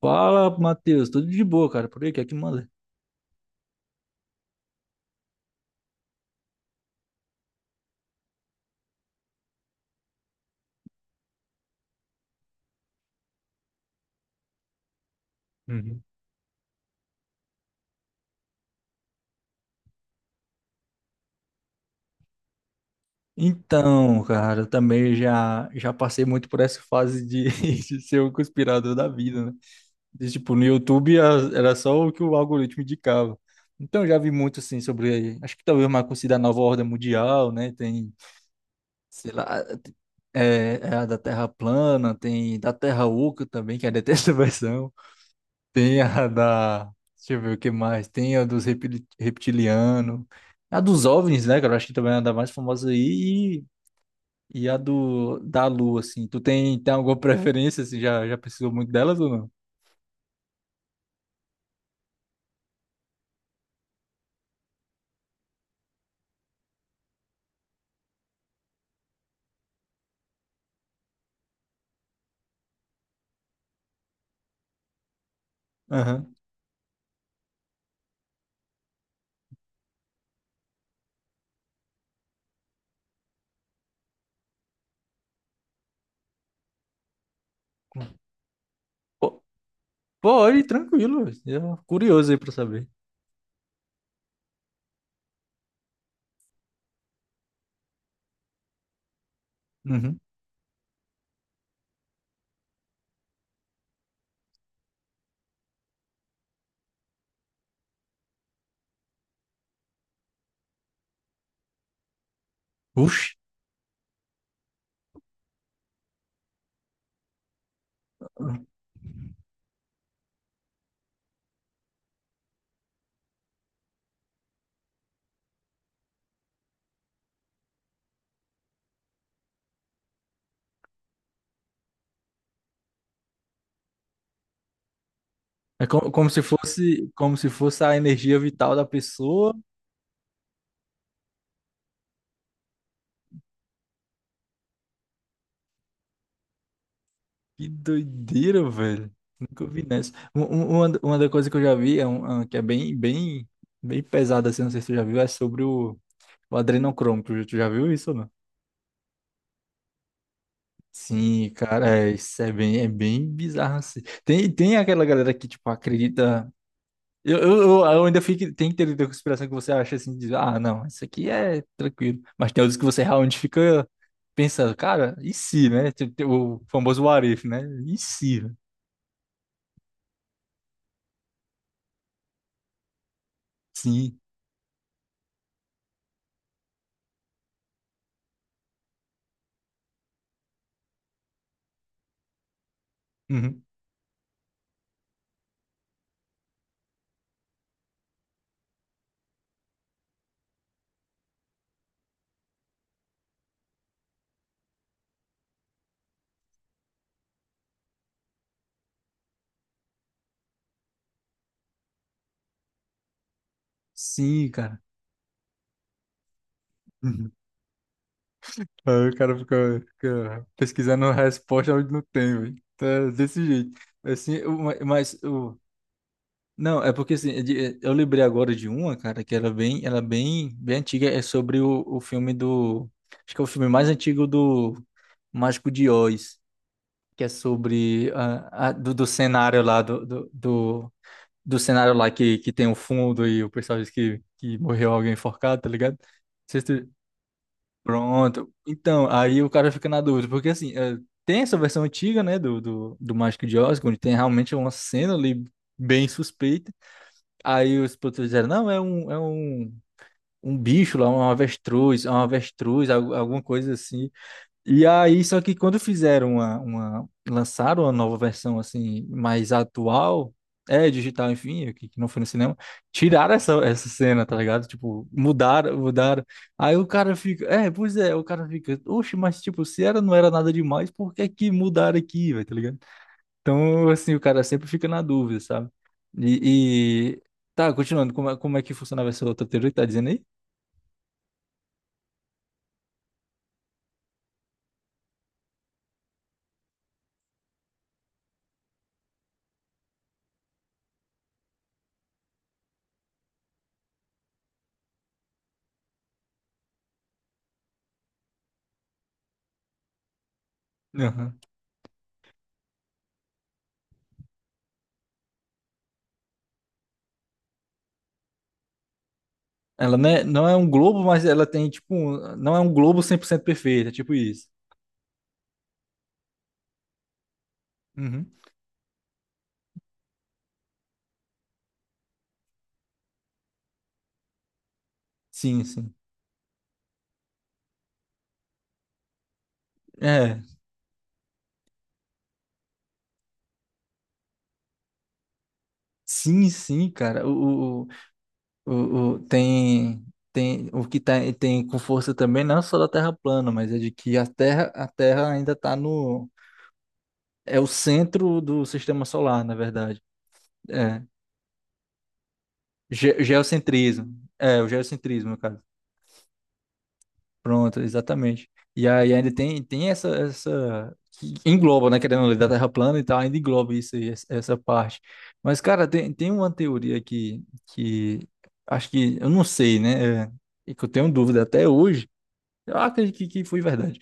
Fala, Matheus, tudo de boa, cara, por aí, que é que manda? Então, cara, eu também já passei muito por essa fase de, de ser o conspirador da vida, né? De, tipo, no YouTube era só o que o algoritmo indicava. Então, eu já vi muito, assim, sobre, acho que talvez uma coisa da nova ordem mundial, né? Tem, sei lá, é a da Terra plana, tem da Terra oca também, que é a dessa versão. Tem a da. Deixa eu ver o que mais. Tem a dos reptilianos. A dos OVNIs, né, cara? Eu acho que também é a da mais famosa aí. E a do, da Lua, assim. Tu tem alguma preferência, assim? Já precisou muito delas ou não? Aham. Pô, pode, tranquilo. Eu, curioso aí pra saber. Uhum. Oxi. É como se fosse a energia vital da pessoa. Que doideira, velho. Nunca vi nessa. Uma das coisas que eu já vi, é um que é bem, bem, bem pesada, assim, não sei se tu já viu, é sobre o adrenocromo. Tu já viu isso ou não? Sim, cara, é, isso é bem bizarro, assim. Tem aquela galera que, tipo, acredita. Eu ainda fico. Tem teoria da conspiração que você acha, assim, diz, ah, não, isso aqui é tranquilo. Mas tem outros que você realmente fica pensando, cara, e se, né? Tipo, tem o famoso what if, né? E se? Né? Sim. Uhum. Sim, cara. Aí o cara fica pesquisando a resposta onde não tem, velho. Então, é desse jeito. Assim, mas o não, é porque assim, eu lembrei agora de uma, cara, que era bem, ela é bem, bem antiga, é sobre o filme do, acho que é o filme mais antigo do Mágico de Oz, que é sobre do cenário lá do cenário lá que tem o fundo e o pessoal diz que morreu alguém enforcado, tá ligado? Pronto. Então, aí o cara fica na dúvida, porque assim, tem essa versão antiga, né, do Mágico de Oz, onde tem realmente uma cena ali bem suspeita. Aí os produtores disseram, não, é um, um bicho lá, um avestruz, é um avestruz, alguma coisa assim. E aí, só que quando fizeram uma, lançaram uma nova versão assim, mais atual, é digital, enfim, que não foi no cinema, tiraram essa cena, tá ligado? Tipo, mudaram, mudaram. Aí o cara fica, é, pois é, o cara fica, oxe, mas tipo, se era, não era nada demais, por que que mudaram aqui, velho, tá ligado? Então, assim, o cara sempre fica na dúvida, sabe? E, e- tá, continuando, como é que funcionava essa outra teoria que tá dizendo aí? Ela não é um globo, mas ela tem, tipo, não é um globo 100% perfeito, é tipo isso. Uhum. Sim, sim. É, sim, sim, cara. O, o- tem, tem o que tá, tem com força também, não é só da Terra plana, mas é de que a Terra ainda tá no, é o centro do sistema solar, na verdade. É, geocentrismo. É, o geocentrismo, cara. Pronto, exatamente. E aí ainda tem essa, essa. Que engloba, né? Querendo ler da Terra plana e tal, ainda engloba isso aí, essa parte. Mas, cara, tem uma teoria que... Acho que. Eu não sei, né? E que eu tenho dúvida até hoje. Eu acredito que foi verdade.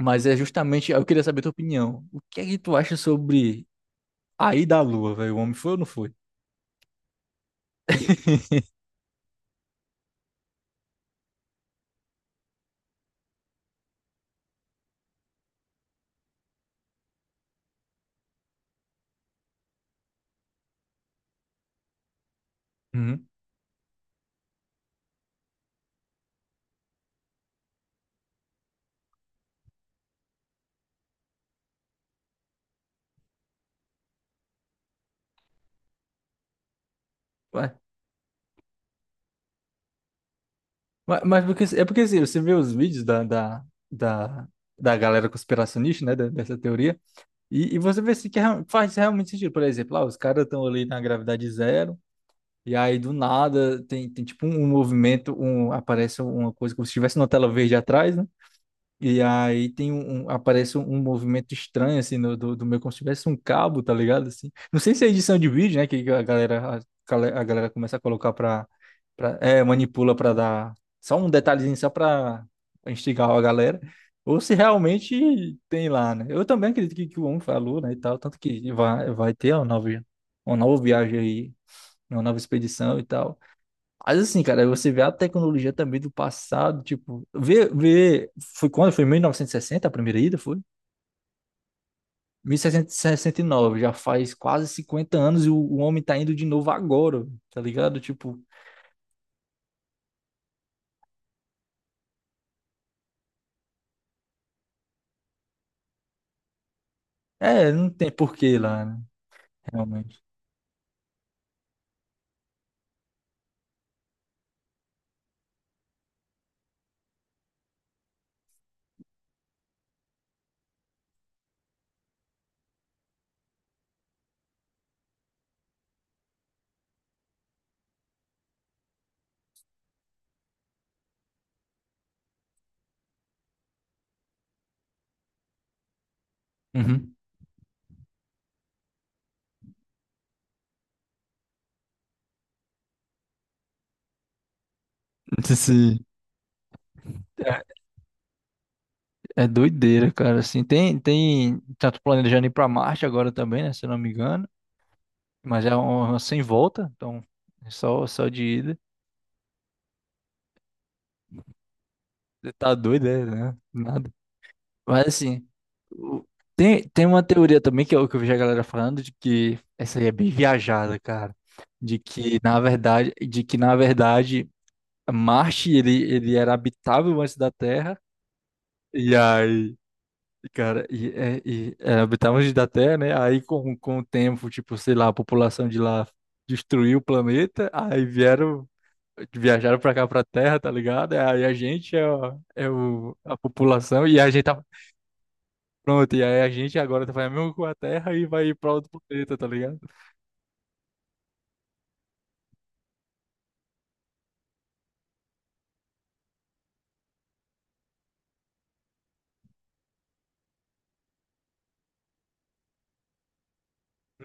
Mas é justamente. Eu queria saber a tua opinião. O que é que tu acha sobre a ida à Lua, velho? O homem foi ou não foi? Uhum. Ué, mas porque, é porque, assim, você vê os vídeos da... da galera conspiracionista, né? Dessa teoria. E você vê se que é faz realmente sentido. Por exemplo, lá, os caras estão ali na gravidade zero, e aí do nada tem tipo um movimento, um, aparece uma coisa como se estivesse uma tela verde atrás, e aí tem aparece um movimento estranho, assim, no, do meu, como se tivesse um cabo, tá ligado? Assim. Não sei se é edição de vídeo, né? Que a galera, a galera começa a colocar pra. É, manipula pra dar só um detalhezinho, só pra instigar a galera. Ou se realmente tem lá, né? Eu também acredito que o homem falou, né, e tal. Tanto que vai ter uma nova, uma nova, viagem aí, uma nova expedição e tal. Mas assim, cara, você vê a tecnologia também do passado, tipo, vê, foi quando? Foi em 1960 a primeira ida, foi? 1969, já faz quase 50 anos e o homem tá indo de novo agora, tá ligado? Tipo, é, não tem porquê lá, né? Realmente. Uhum. Sim. É, é doideira, cara, assim, tanto planejando ir pra Marte agora também, né, se eu não me engano, mas é uma sem volta, então, é só de ida. Você tá doido, é, né? Mas assim, o- tem uma teoria também que eu vejo a galera falando de que essa aí é bem viajada, cara. De que na verdade Marte ele era habitável antes da Terra. E aí, cara, é, habitável antes da Terra, né? Aí com o tempo, tipo, sei lá, a população de lá destruiu o planeta, aí vieram, viajaram pra cá pra Terra, tá ligado? Aí a gente a população e a gente tá. Pronto, e aí a gente agora vai mesmo com a Terra e vai ir pra outro planeta, tá ligado?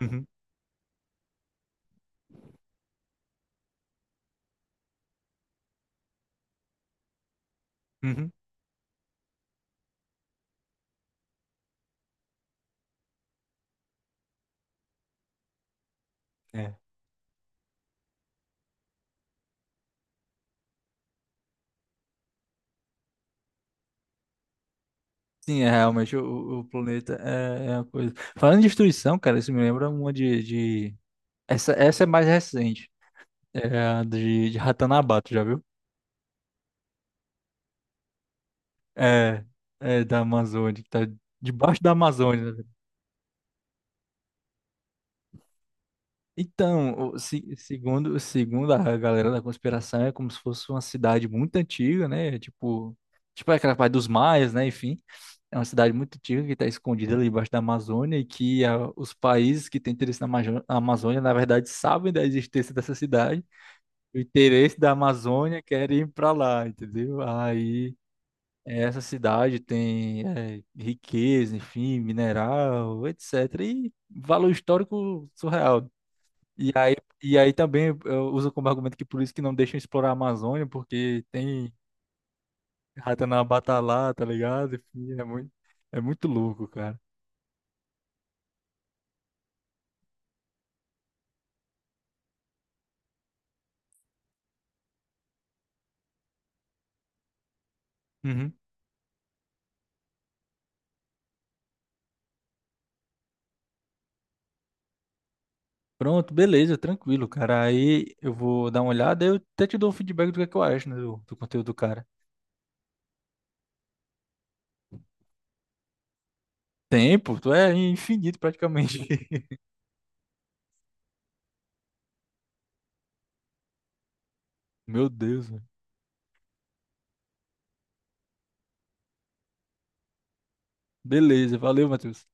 Uhum, uhum, é. Sim, é, realmente o planeta é uma coisa. Falando em destruição, cara, isso me lembra uma de... Essa é mais recente. É a de Ratanabá, tu já viu? É, é da Amazônia, que tá debaixo da Amazônia. Né? Então, segundo a galera da conspiração, é como se fosse uma cidade muito antiga, né? Tipo aquela parte dos maias, né? Enfim. É uma cidade muito antiga que está escondida ali embaixo da Amazônia e que os países que têm interesse na na Amazônia, na verdade, sabem da existência dessa cidade. O interesse da Amazônia quer ir para lá, entendeu? Aí essa cidade tem riqueza, enfim, mineral, etc. E valor histórico surreal. E aí, e aí também eu uso como argumento que por isso que não deixam explorar a Amazônia, porque tem Ratanabata lá, tá ligado? Enfim, é muito louco, cara. Uhum. Pronto, beleza, tranquilo, cara. Aí eu vou dar uma olhada e eu até te dou um feedback do que é que eu acho, né, do conteúdo do cara. Tempo, tu é infinito praticamente. Meu Deus, velho. Beleza, valeu, Matheus.